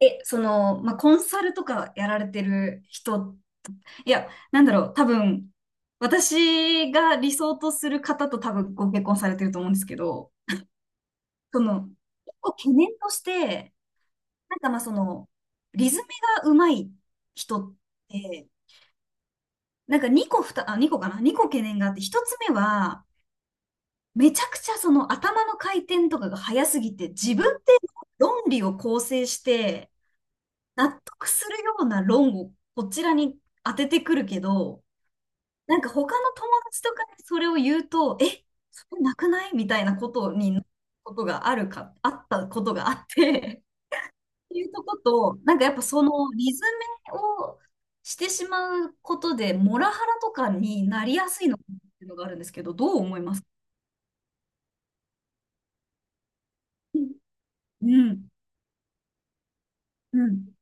え、その、まあ、コンサルとかやられてる人、いや、なんだろう、多分、私が理想とする方と多分ご結婚されてると思うんですけど、その、結構懸念として、なんかまあその、リズムがうまい人って、なんか2個かな？ 2 個懸念があって、1つ目は、めちゃくちゃその頭の回転とかが早すぎて、自分で論理を構成して、納得するような論をこちらに当ててくるけど、なんか他の友達とかにそれを言うと、え、それなくないみたいなことになることがあるか、あったことがあって、っていうとこと、なんかやっぱそのリズメをしてしまうことで、モラハラとかになりやすいのかなっていうのがあるんですけど、どう思いますか？うん、うん、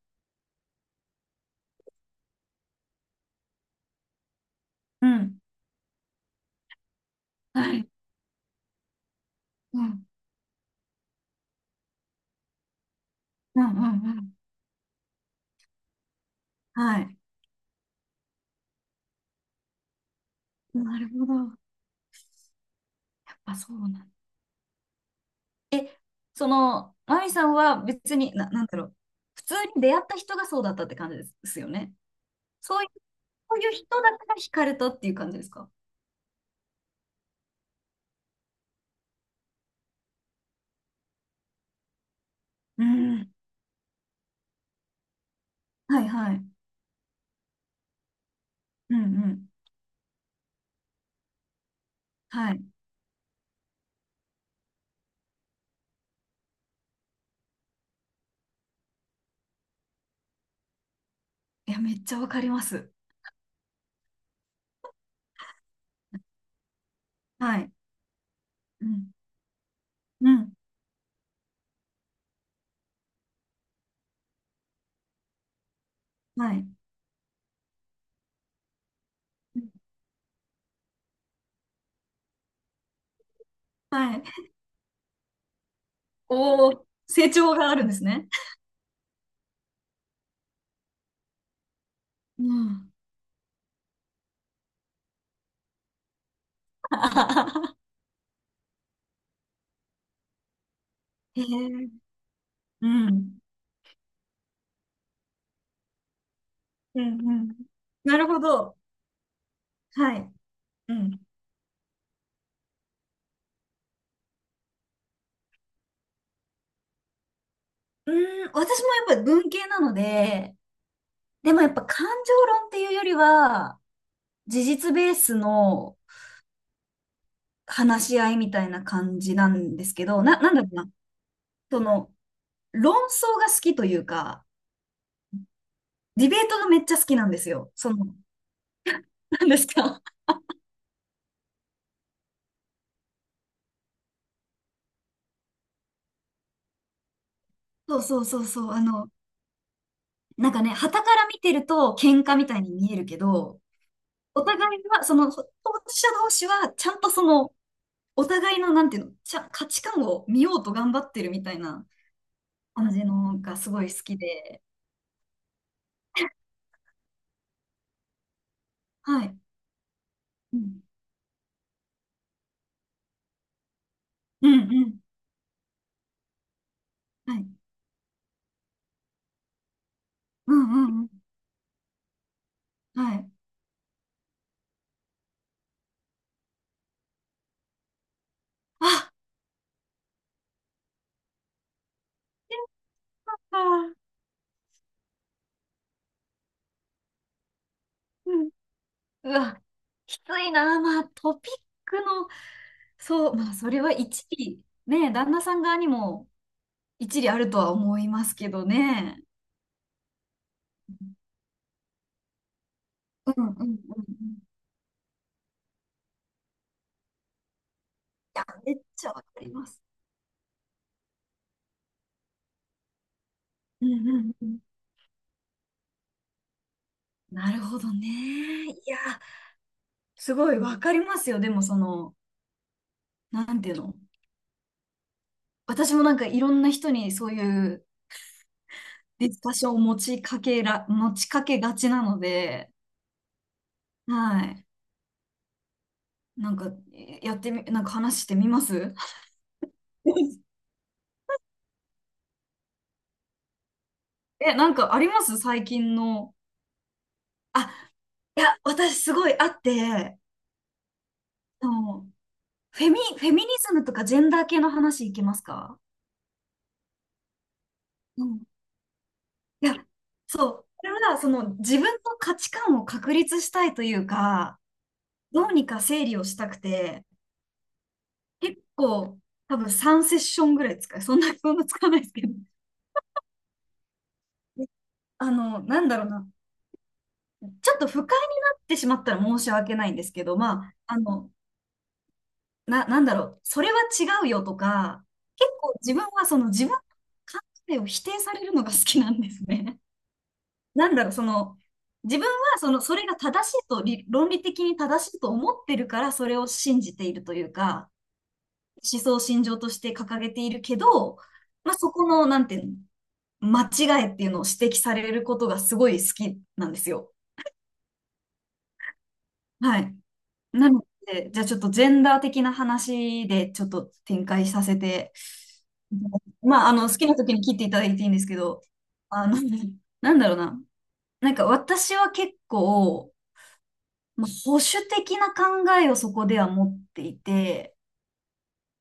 うん、はい、うん、うん、うん、うん、はい。なるほど。やっぱそうなんだ。その、マミさんは別に、なんだろう。普通に出会った人がそうだったって感じですよね。そういう、そういう人だから惹かれたっていう感じですか？うん。はいはい。うんうん。はい。いや、めっちゃわかります。はい。うん。うん。はい。うん。はい。おお、成長があるんですね。うん。へえ。うん。うんうん。なるほど。はい。うん。うーん、私もやっぱり文系なので、でもやっぱ感情論っていうよりは、事実ベースの話し合いみたいな感じなんですけど、なんだろうな。その、論争が好きというか、ディベートがめっちゃ好きなんですよ。その、なんですか？ そうそうそうそう。あの、なんかね、傍から見てると喧嘩みたいに見えるけど、お互いは、その、当事者同士は、ちゃんとその、お互いの、なんていうの、価値観を見ようと頑張ってるみたいな感じのがすごい好きで、はい。うんうんうん。はい。うんうんうん。はい。あ、あー、うん、うわ、きついな。まあ、トピックの、そう、まあ、それは一理、ね、旦那さん側にも一理あるとは思いますけどね。うんうんうんうん。いや、めっちゃわかります。うんうんうん。なるほどね。いや、すごいわかりますよ。でも、その、なんていうの。私もなんかいろんな人にそういうディスカッションを持ちかけがちなので、はい。なんか、えやってみ、なんか話してみます え、なんかあります最近の。あ、いや、私すごいあって、あのフェミニズムとかジェンダー系の話いけますか？うん。いや、そう。これは、その、自分の価値観を確立したいというか、どうにか整理をしたくて、結構、多分3セッションぐらい使う。そんな使わないですけど。あの、なんだろうな。ちょっと不快になってしまったら申し訳ないんですけど、まあ、あの、なんだろう、それは違うよとか、結構自分はその自分の感性を否定されるのが好きなんですね。なんだろう、その、自分はその、それが正しいと、理論理的に正しいと思ってるから、それを信じているというか、思想信条として掲げているけど、まあ、そこの、なんていうの、間違いっていうのを指摘されることがすごい好きなんですよ。はい。なので、じゃあちょっとジェンダー的な話でちょっと展開させて、まあ、あの、好きな時に切っていただいていいんですけど、あの、なんだろうな。なんか私は結構、まあ、保守的な考えをそこでは持っていて、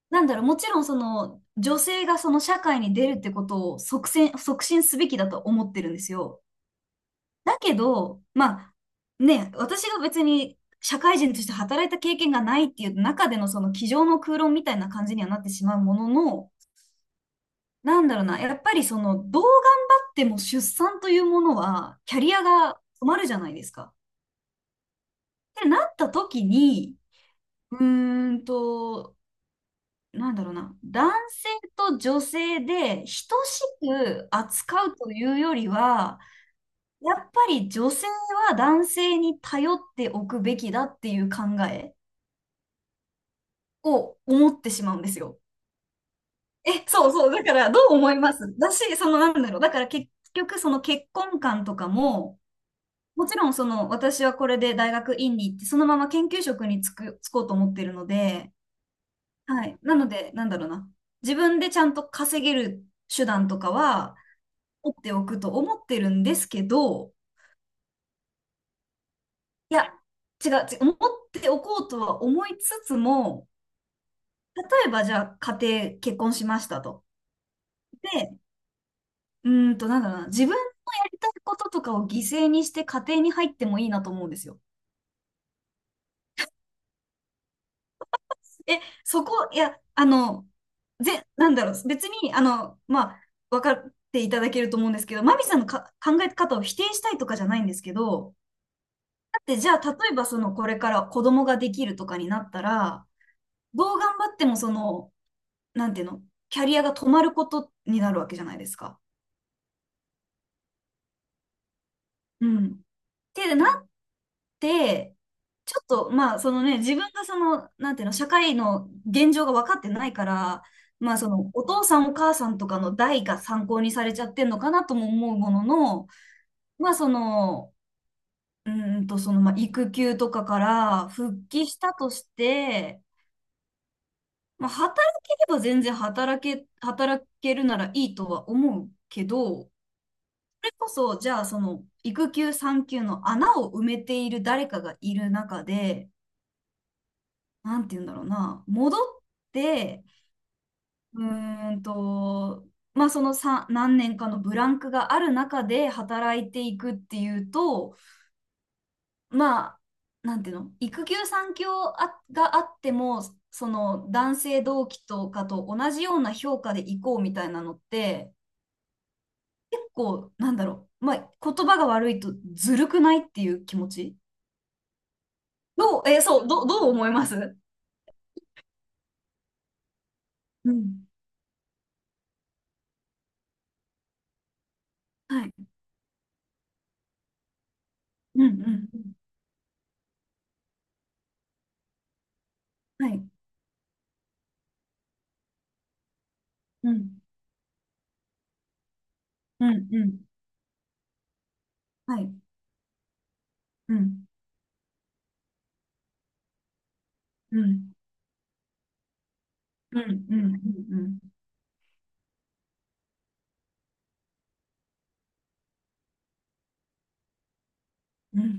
なんだろう、もちろんその、女性がその社会に出るってことを促進すべきだと思ってるんですよ。だけど、まあ、ね、私が別に社会人として働いた経験がないっていう中でのその机上の空論みたいな感じにはなってしまうものの、なんだろうな、やっぱりその、どう頑張っても出産というものは、キャリアが止まるじゃないですか。ってなった時に、うーんと、なんだろうな、男性と女性で等しく扱うというよりは、やっぱり女性は男性に頼っておくべきだっていう考えを思ってしまうんですよ。え、そうそう。だからどう思いますだし、そのなんだろう。だから結局その結婚観とかも、もちろんその私はこれで大学院に行ってそのまま研究職に就こうと思ってるので、はい。なので、なんだろうな。自分でちゃんと稼げる手段とかは持っておくと思ってるんですけど、いや、違う、違う、持っておこうとは思いつつも、例えばじゃあ家庭結婚しましたと。で、なんだろうな、自分のやりたいこととかを犠牲にして家庭に入ってもいいなと思うんですよ。え、そこ、いや、あの、なんだろう、別に、あの、まあ、分かっていただけると思うんですけど、マミさんのか考え方を否定したいとかじゃないんですけど、だってじゃあ、例えばその、これから子供ができるとかになったら、どう頑張ってもその、なんていうの、キャリアが止まることになるわけじゃないですか。うん。ってなで、ちょっと、まあ、そのね、自分がその、なんていうの、社会の現状が分かってないから、まあ、その、お父さんお母さんとかの代が参考にされちゃってんのかなとも思うものの、まあ、その、その、まあ、育休とかから復帰したとして、まあ、働ければ全然働けるならいいとは思うけど、それこそ、じゃあ、その、育休、産休の穴を埋めている誰かがいる中で、なんて言うんだろうな、戻って、うーんと、まあそのさ何年かのブランクがある中で働いていくっていうと、まあ、なんていうの、育休産休あっても、その男性同期とかと同じような評価でいこうみたいなのって、結構、なんだろう、まあ言葉が悪いとずるくないっていう気持ち。どう、そう、どう思いますうん。はい。うんうん。はい。うん。うんうん。はい。うん。うん。うん。うん。うん。うん。